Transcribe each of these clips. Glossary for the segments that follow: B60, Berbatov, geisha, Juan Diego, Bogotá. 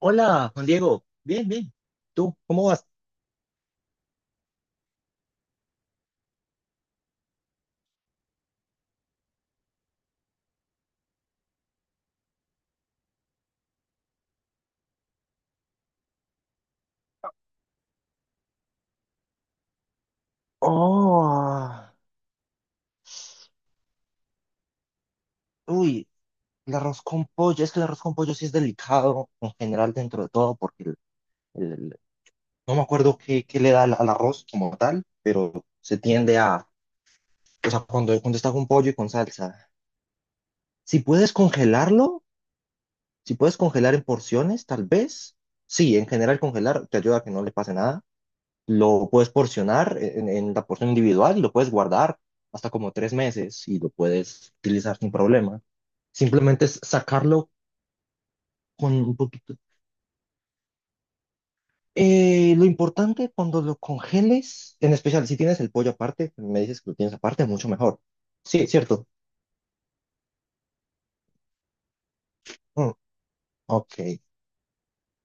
Hola, Juan Diego. Bien, bien. ¿Tú cómo vas? Oh, uy, el arroz con pollo. Es que el arroz con pollo sí es delicado en general dentro de todo porque el- el- no me acuerdo qué, qué le da al, al arroz como tal, pero se tiende a, o sea, cuando está con pollo y con salsa. Si puedes congelarlo, si puedes congelar en porciones, tal vez. Sí, en general congelar te ayuda a que no le pase nada. Lo puedes porcionar en la porción individual y lo puedes guardar hasta como tres meses y lo puedes utilizar sin problema. Simplemente es sacarlo con un poquito. Lo importante cuando lo congeles, en especial si tienes el pollo aparte, me dices que lo tienes aparte, mucho mejor. Sí, es cierto. Mm, ok.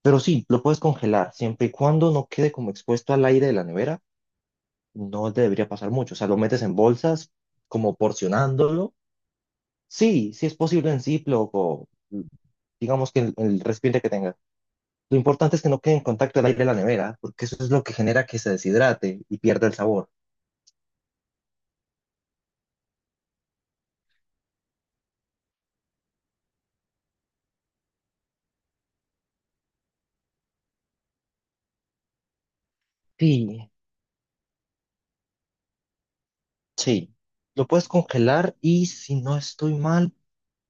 Pero sí, lo puedes congelar siempre y cuando no quede como expuesto al aire de la nevera. No te debería pasar mucho. O sea, lo metes en bolsas, como porcionándolo. Sí, sí es posible en Ziploc o digamos que el recipiente que tenga. Lo importante es que no quede en contacto el aire de la nevera, porque eso es lo que genera que se deshidrate y pierda el sabor. Sí, sí. Lo puedes congelar y si no estoy mal,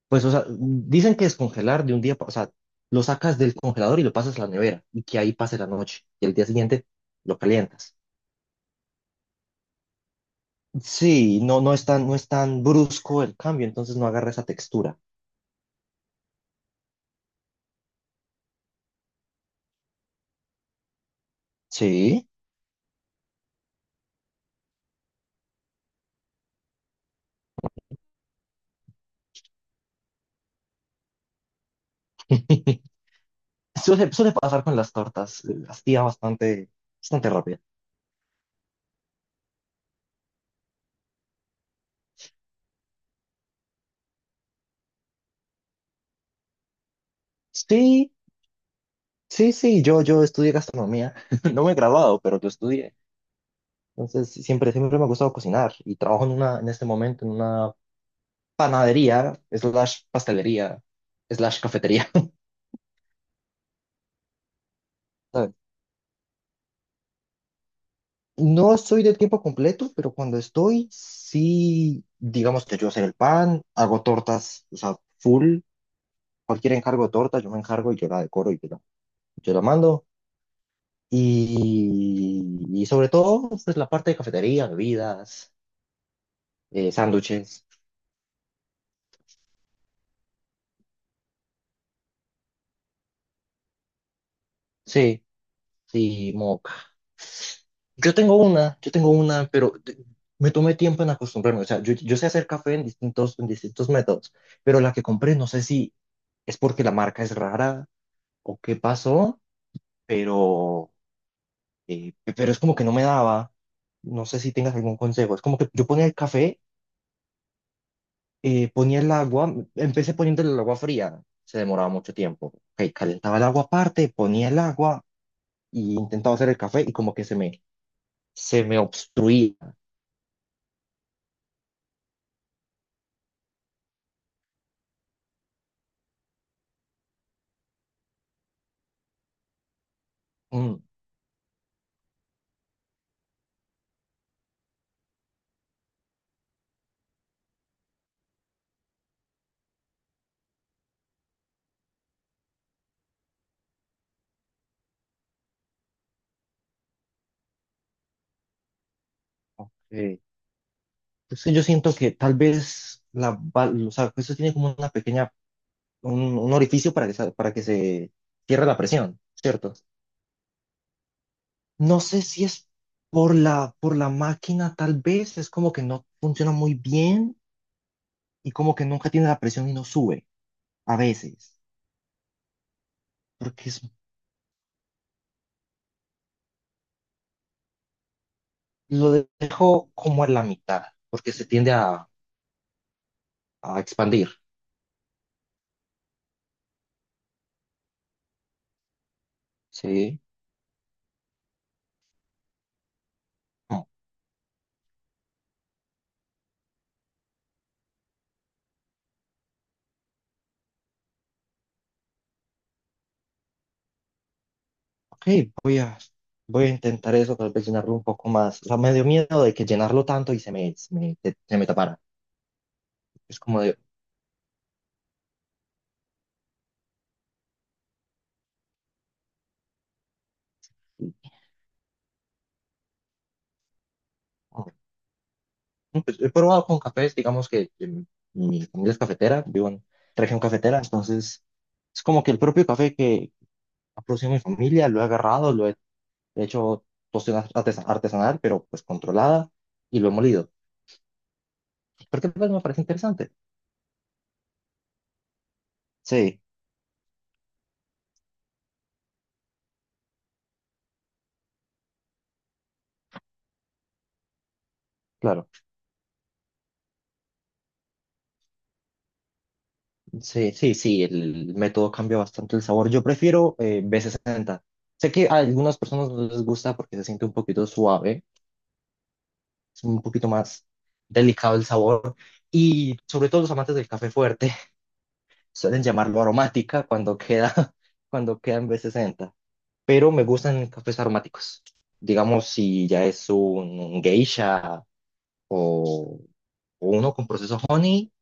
pues, o sea, dicen que descongelar de un día, o sea, lo sacas del congelador y lo pasas a la nevera y que ahí pase la noche y el día siguiente lo calientas. Sí, no, no es tan brusco el cambio, entonces no agarra esa textura. Sí. Suele, suele pasar con las tortas, hacía bastante, bastante rápido. Sí, sí, sí, yo estudié gastronomía, no me he graduado, pero yo estudié. Entonces, siempre, siempre me ha gustado cocinar y trabajo en una, en este momento en una panadería, slash pastelería, slash cafetería. ¿Sabes? No soy de tiempo completo, pero cuando estoy, sí, digamos que yo hacer el pan, hago tortas, o sea, full, cualquier encargo de torta, yo me encargo y yo la decoro y yo la mando. Y sobre todo, pues la parte de cafetería, bebidas, sándwiches. Sí, sí, moca. Yo tengo una, pero me tomé tiempo en acostumbrarme. O sea, yo sé hacer café en distintos métodos, pero la que compré no sé si es porque la marca es rara o qué pasó, pero, pero es como que no me daba. No sé si tengas algún consejo. Es como que yo ponía el café, ponía el agua, empecé poniéndole el agua fría, se demoraba mucho tiempo. Ok, calentaba el agua aparte, ponía el agua y intentaba hacer el café y como que se me obstruía. Mm, ok. Entonces yo siento que tal vez la, o sea, eso tiene como una pequeña, un orificio para que, para que se cierre la presión, ¿cierto? No sé si es por la máquina, tal vez es como que no funciona muy bien y como que nunca tiene la presión y no sube a veces. Porque es Lo dejo como en la mitad, porque se tiende a expandir, ¿sí? Como, ok, voy a, voy a intentar eso, tal vez llenarlo un poco más. O sea, me dio miedo de que llenarlo tanto y se me tapara. Es como de, mm, pues, he probado con cafés, digamos que mi familia es cafetera, vivo en región cafetera, entonces es como que el propio café que ha producido mi familia lo he agarrado, lo he hecho tostión artesanal, pero pues controlada, y lo he molido. Porque pues me parece interesante. Sí, claro. Sí, sí, sí, el método cambia bastante el sabor. Yo prefiero B60. Sé que a algunas personas no les gusta porque se siente un poquito suave, es un poquito más delicado el sabor. Y sobre todo los amantes del café fuerte suelen llamarlo aromática cuando queda, cuando queda en B60. Pero me gustan cafés aromáticos. Digamos, si ya es un geisha o, o uno con proceso honey,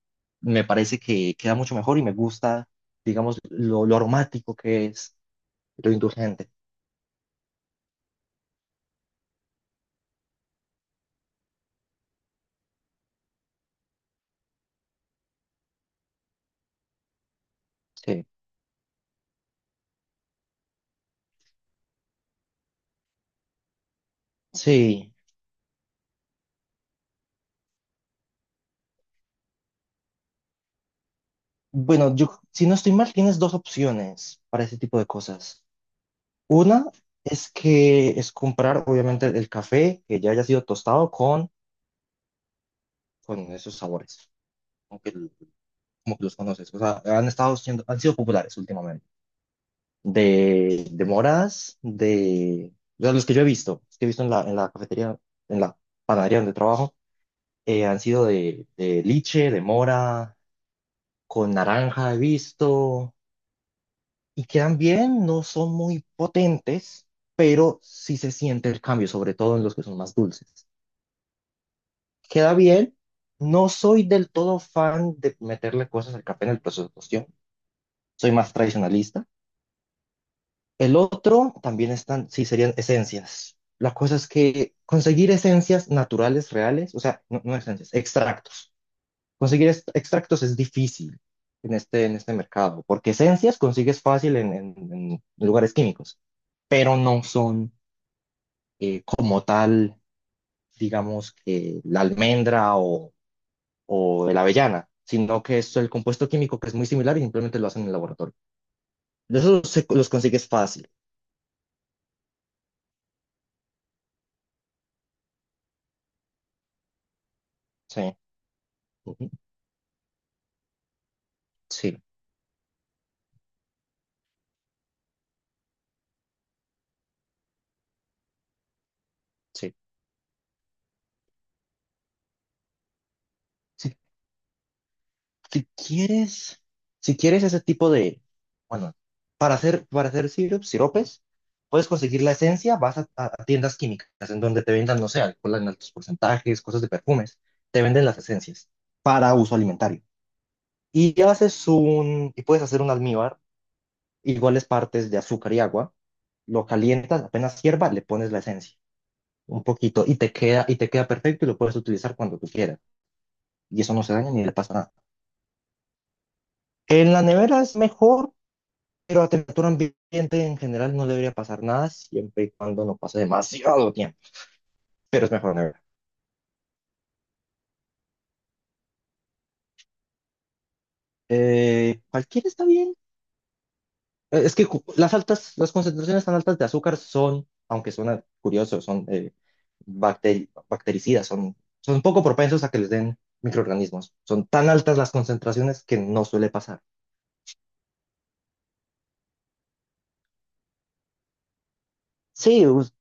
me parece que queda mucho mejor y me gusta, digamos, lo aromático que es, lo indulgente. Sí. Sí. Bueno, yo, si no estoy mal, tienes dos opciones para ese tipo de cosas. Una es que es comprar, obviamente, el café que ya haya sido tostado con esos sabores, como que, como que los conoces. O sea, han estado siendo, han sido populares últimamente. De moras, de, o sea, los que yo he visto, los que he visto en la cafetería, en la panadería donde trabajo, han sido de liche, de mora, con naranja he visto, y quedan bien, no son muy potentes, pero sí se siente el cambio, sobre todo en los que son más dulces. Queda bien, no soy del todo fan de meterle cosas al café en el proceso de cocción, soy más tradicionalista. El otro también están, sí, serían esencias. La cosa es que conseguir esencias naturales, reales, o sea, no, no esencias, extractos. Conseguir extractos es difícil en este mercado, porque esencias consigues fácil en, en lugares químicos, pero no son como tal, digamos, que la almendra o la avellana, sino que es el compuesto químico que es muy similar y simplemente lo hacen en el laboratorio. De esos los consigues fácil. Sí, ujú. Sí, sí. Si quieres, si quieres ese tipo de, bueno, para hacer sirup, siropes, puedes conseguir la esencia, vas a, a tiendas químicas en donde te vendan, no sé, alcohol en altos porcentajes, cosas de perfumes, te venden las esencias para uso alimentario. Y puedes hacer un almíbar, iguales partes de azúcar y agua, lo calientas, apenas hierva, le pones la esencia, un poquito, y te queda perfecto y lo puedes utilizar cuando tú quieras. Y eso no se daña ni le pasa nada. En la nevera es mejor. Pero a temperatura ambiente en general no debería pasar nada siempre y cuando no pase demasiado tiempo. Pero es mejor nevar. Cualquiera está bien. Es que las altas, las concentraciones tan altas de azúcar son, aunque suena curioso, son bactericidas, son, son poco propensos a que les den microorganismos. Son tan altas las concentraciones que no suele pasar. Sí,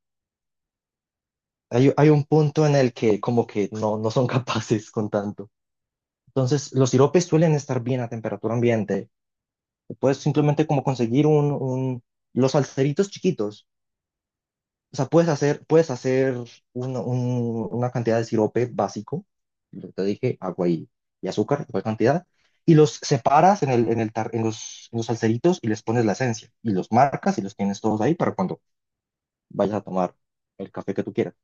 hay, hay un punto en el que como que no, no son capaces con tanto. Entonces, los siropes suelen estar bien a temperatura ambiente. Puedes simplemente como conseguir un, los salseritos chiquitos. O sea, puedes hacer una, una cantidad de sirope básico, lo que te dije, agua y azúcar, igual cantidad, y los separas en el, en el en los salseritos y les pones la esencia, y los marcas y los tienes todos ahí para cuando vayas a tomar el café que tú quieras.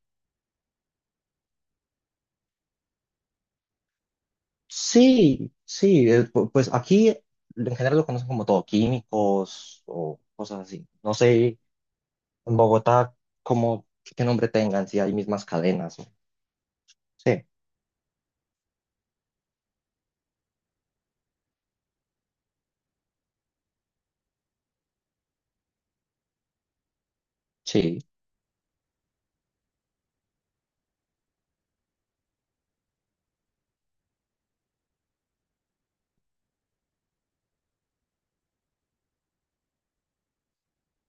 Sí, sí, pues aquí en general lo conocen como todo, químicos o cosas así. No sé en Bogotá, como qué nombre tengan, si hay mismas cadenas. ¿No? Sí, sí.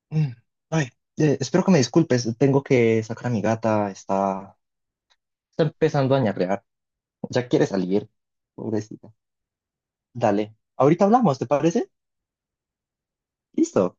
Mm, ay, espero que me disculpes, tengo que sacar a mi gata, está, está empezando a ñarrear, ya quiere salir, pobrecita. Dale, ahorita hablamos, ¿te parece? Listo.